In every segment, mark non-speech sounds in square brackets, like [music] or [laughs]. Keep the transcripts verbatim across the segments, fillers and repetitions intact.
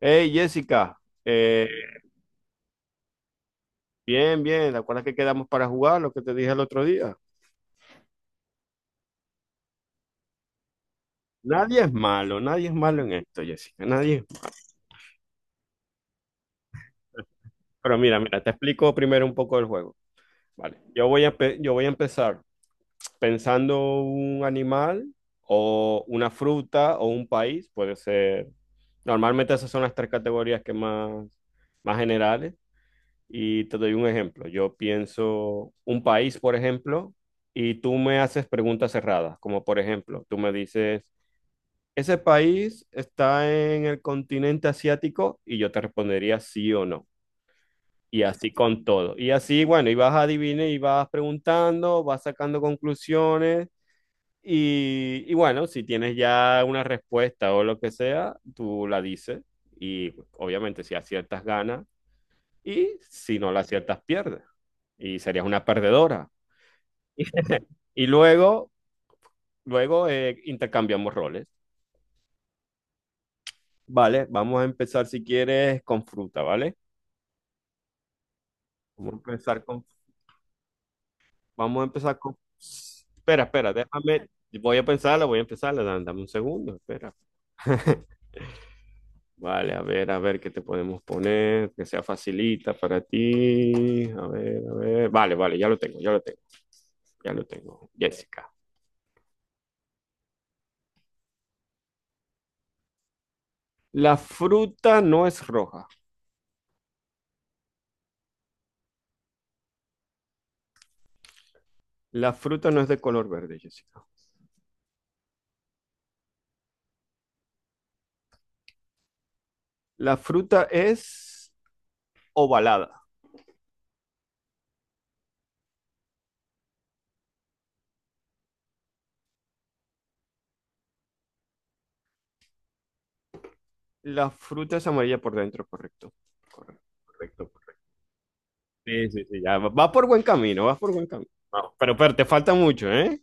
Hey Jessica, eh, bien, bien, ¿te acuerdas que quedamos para jugar lo que te dije el otro día? Nadie es malo, nadie es malo en esto, Jessica, nadie. Pero mira, mira, te explico primero un poco el juego. Vale, yo voy a, empe- yo voy a empezar pensando un animal o una fruta o un país, puede ser. Normalmente esas son las tres categorías que más, más generales. Y te doy un ejemplo. Yo pienso un país, por ejemplo, y tú me haces preguntas cerradas, como por ejemplo, tú me dices, ¿ese país está en el continente asiático? Y yo te respondería sí o no. Y así con todo. Y así, bueno, y vas a adivinar y vas preguntando, vas sacando conclusiones. Y, y bueno, si tienes ya una respuesta o lo que sea, tú la dices. Y obviamente si aciertas ganas y si no la aciertas pierdes y serías una perdedora. Y luego, luego eh, intercambiamos roles. Vale, vamos a empezar si quieres con fruta, ¿vale? Vamos a empezar con, vamos a empezar con... Espera, espera, déjame, voy a pensarla, voy a empezarla, dame, dame un segundo, espera. [laughs] Vale, a ver, a ver qué te podemos poner, que sea facilita para ti. A ver, a ver. Vale, vale, ya lo tengo, ya lo tengo. Ya lo tengo, Jessica. La fruta no es roja. La fruta no es de color verde, Jessica. La fruta es ovalada. La fruta es amarilla por dentro, correcto. Correcto, correcto. Sí, sí, sí, ya va va por buen camino, vas por buen camino. Vamos, pero, pero te falta mucho, ¿eh?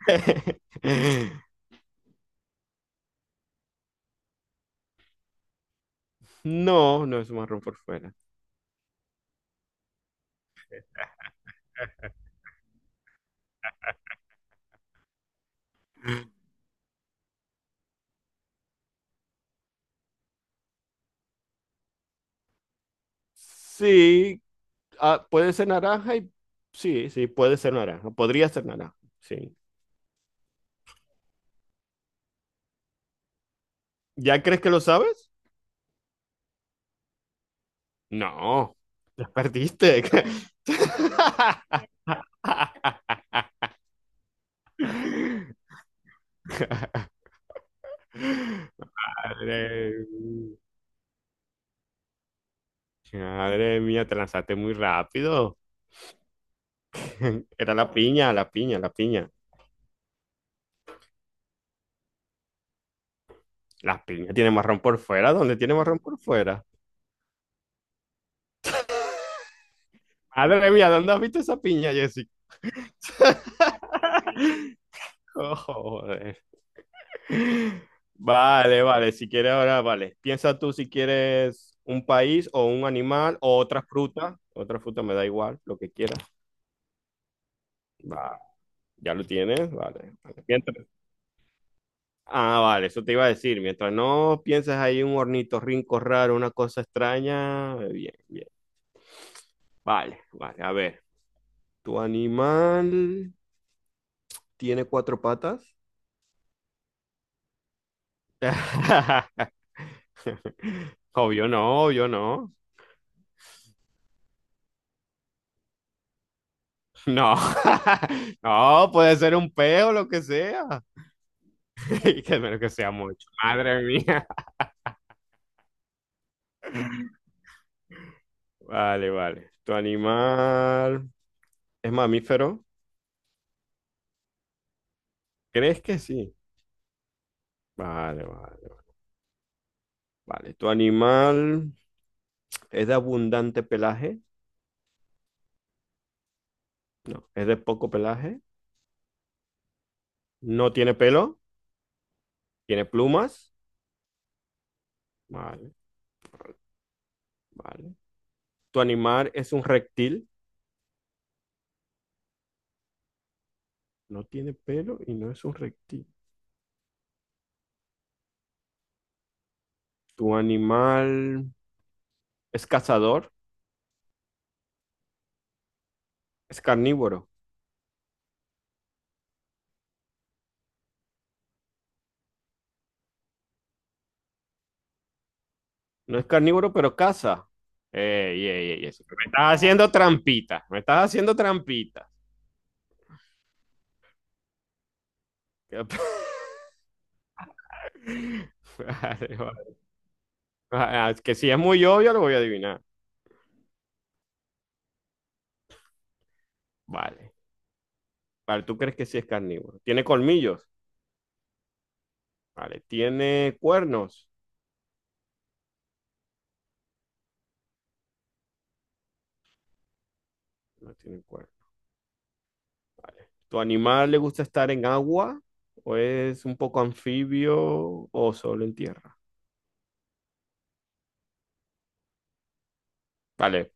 [laughs] No, no es marrón por fuera. Sí, ah, puede ser naranja y sí, sí, puede ser naranja. Podría ser naranja, sí. ¿Ya crees que lo sabes? No, ya perdiste. [laughs] Madre, madre mía, te lanzaste muy rápido. [laughs] Era la piña, la piña, la piña. La piña tiene marrón por fuera. ¿Dónde tiene marrón por fuera? Madre mía, ¿dónde has visto esa piña, Jessica? [laughs] Oh, joder. Vale, vale. Si quieres ahora, vale. Piensa tú si quieres un país o un animal o otra fruta. Otra fruta me da igual, lo que quieras. Va, ya lo tienes, vale. Vale. Piensa. Ah, vale, eso te iba a decir. Mientras no pienses ahí un hornito rinco raro, una cosa extraña, bien, bien. Vale, vale, a ver. ¿Tu animal tiene cuatro patas? [laughs] Obvio no, obvio no. No, [laughs] no, puede ser un peo, lo que sea. [laughs] Que menos que sea mucho. Madre mía. [laughs] Vale, vale. ¿Tu animal es mamífero? ¿Crees que sí? Vale, vale, vale. ¿Tu animal ¿es de abundante pelaje? No. ¿Es de poco pelaje? ¿No tiene pelo? ¿Tiene plumas? Vale, vale. ¿Tu animal es un reptil? No tiene pelo y no es un reptil. ¿Tu animal es cazador? ¿Es carnívoro? No es carnívoro, pero caza. Ey, ey, ey, eso. Me estás haciendo trampita. Me estás haciendo trampita. [laughs] Vale, vale. Ah, es que si es muy obvio, lo voy a adivinar. Vale. Vale, tú crees que sí es carnívoro. ¿Tiene colmillos? Vale, ¿tiene cuernos? No tiene cuernos. ¿Tu animal le gusta estar en agua? ¿O es un poco anfibio o solo en tierra? Vale,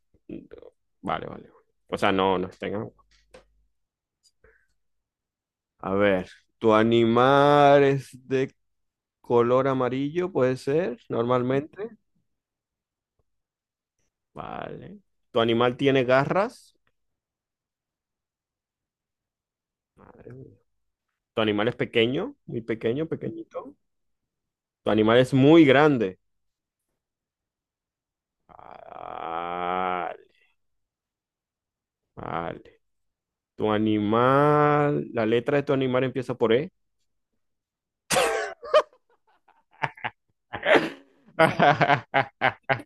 vale, vale. O sea, no, no está en agua. A ver, ¿tu animal es de color amarillo? Puede ser, normalmente. Vale. ¿Tu animal tiene garras? Madre mía. ¿Tu animal es pequeño? Muy pequeño, pequeñito. ¿Tu animal es muy grande? Vale, vale. Tu animal, la letra de tu animal empieza por E. [laughs]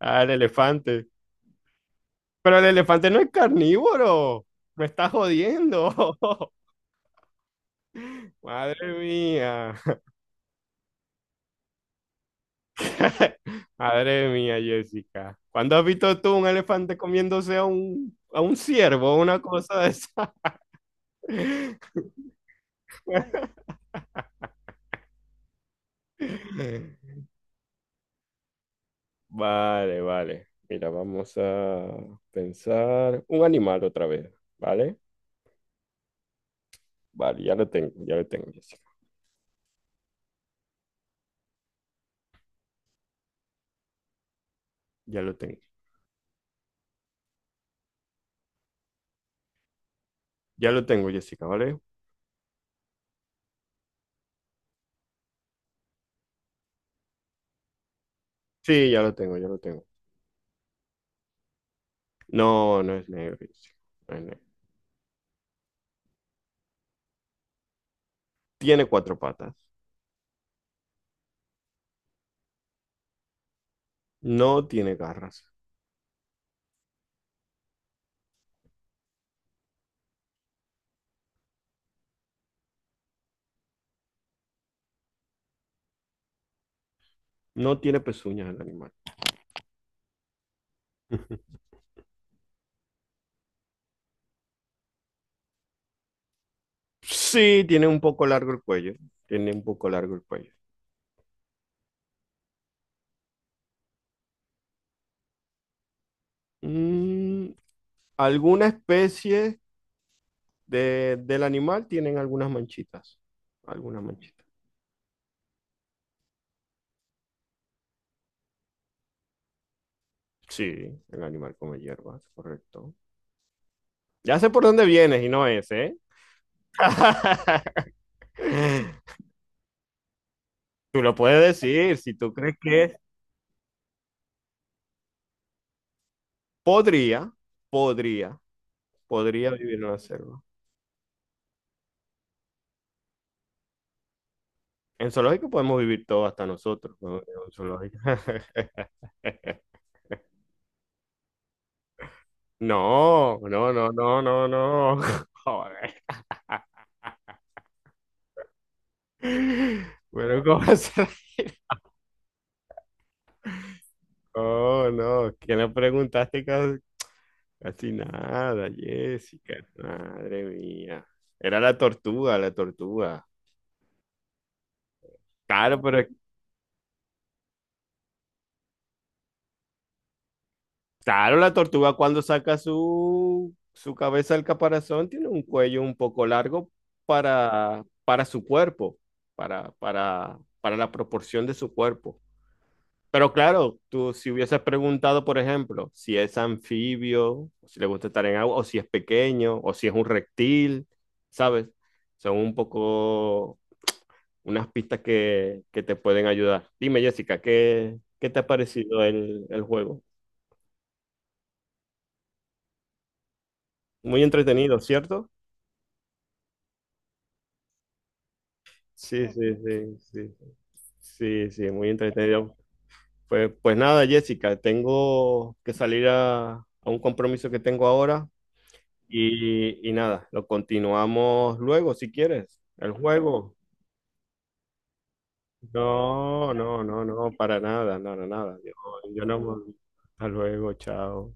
Ah, el elefante. Pero el elefante no es carnívoro. Me estás jodiendo. [laughs] Madre mía. [laughs] Madre mía, Jessica. ¿Cuándo has visto tú un elefante comiéndose a un, a un ciervo o una cosa de esa? [laughs] Vale, vale. Mira, vamos a pensar un animal otra vez, ¿vale? Vale, ya lo tengo, ya lo tengo, Jessica. Ya lo tengo. Ya lo tengo, Jessica, ¿vale? Sí, ya lo tengo, ya lo tengo. No, no es negro, Jessica. No es negro. Tiene cuatro patas. No tiene garras. No tiene pezuñas el animal. [laughs] Sí, tiene un poco largo el cuello. Tiene un poco largo el cuello. Mm, alguna especie de- del animal tienen algunas manchitas. Algunas manchitas. Sí, el animal come hierbas, correcto. Ya sé por dónde vienes y no es, ¿eh? [laughs] Tú lo puedes decir, si tú crees que es- podría, podría, podría vivir en la selva. En zoológico podemos vivir todo hasta nosotros, ¿no? En un zoológico. [laughs] No, no, no, no, no, no. [laughs] Joder. Bueno, ¿cómo vas a reír? No, no, que no preguntaste casi, casi nada, Jessica. Madre mía. Era la tortuga, la tortuga. Claro, pero es... Claro, la tortuga cuando saca su, su cabeza del caparazón tiene un cuello un poco largo para, para su cuerpo, para, para, para la proporción de su cuerpo. Pero claro, tú si hubieses preguntado, por ejemplo, si es anfibio, o si le gusta estar en agua, o si es pequeño, o si es un reptil, ¿sabes? Son un poco unas pistas que, que te pueden ayudar. Dime, Jessica, ¿qué, qué te ha parecido el, el juego? Muy entretenido, ¿cierto? Sí, sí, sí, sí, sí, sí, muy entretenido. Pues, pues nada, Jessica, tengo que salir a, a un compromiso que tengo ahora y, y nada, lo continuamos luego si quieres, el juego. No, no, no, no, para nada, no, no, nada. Yo, yo no. Hasta luego, chao.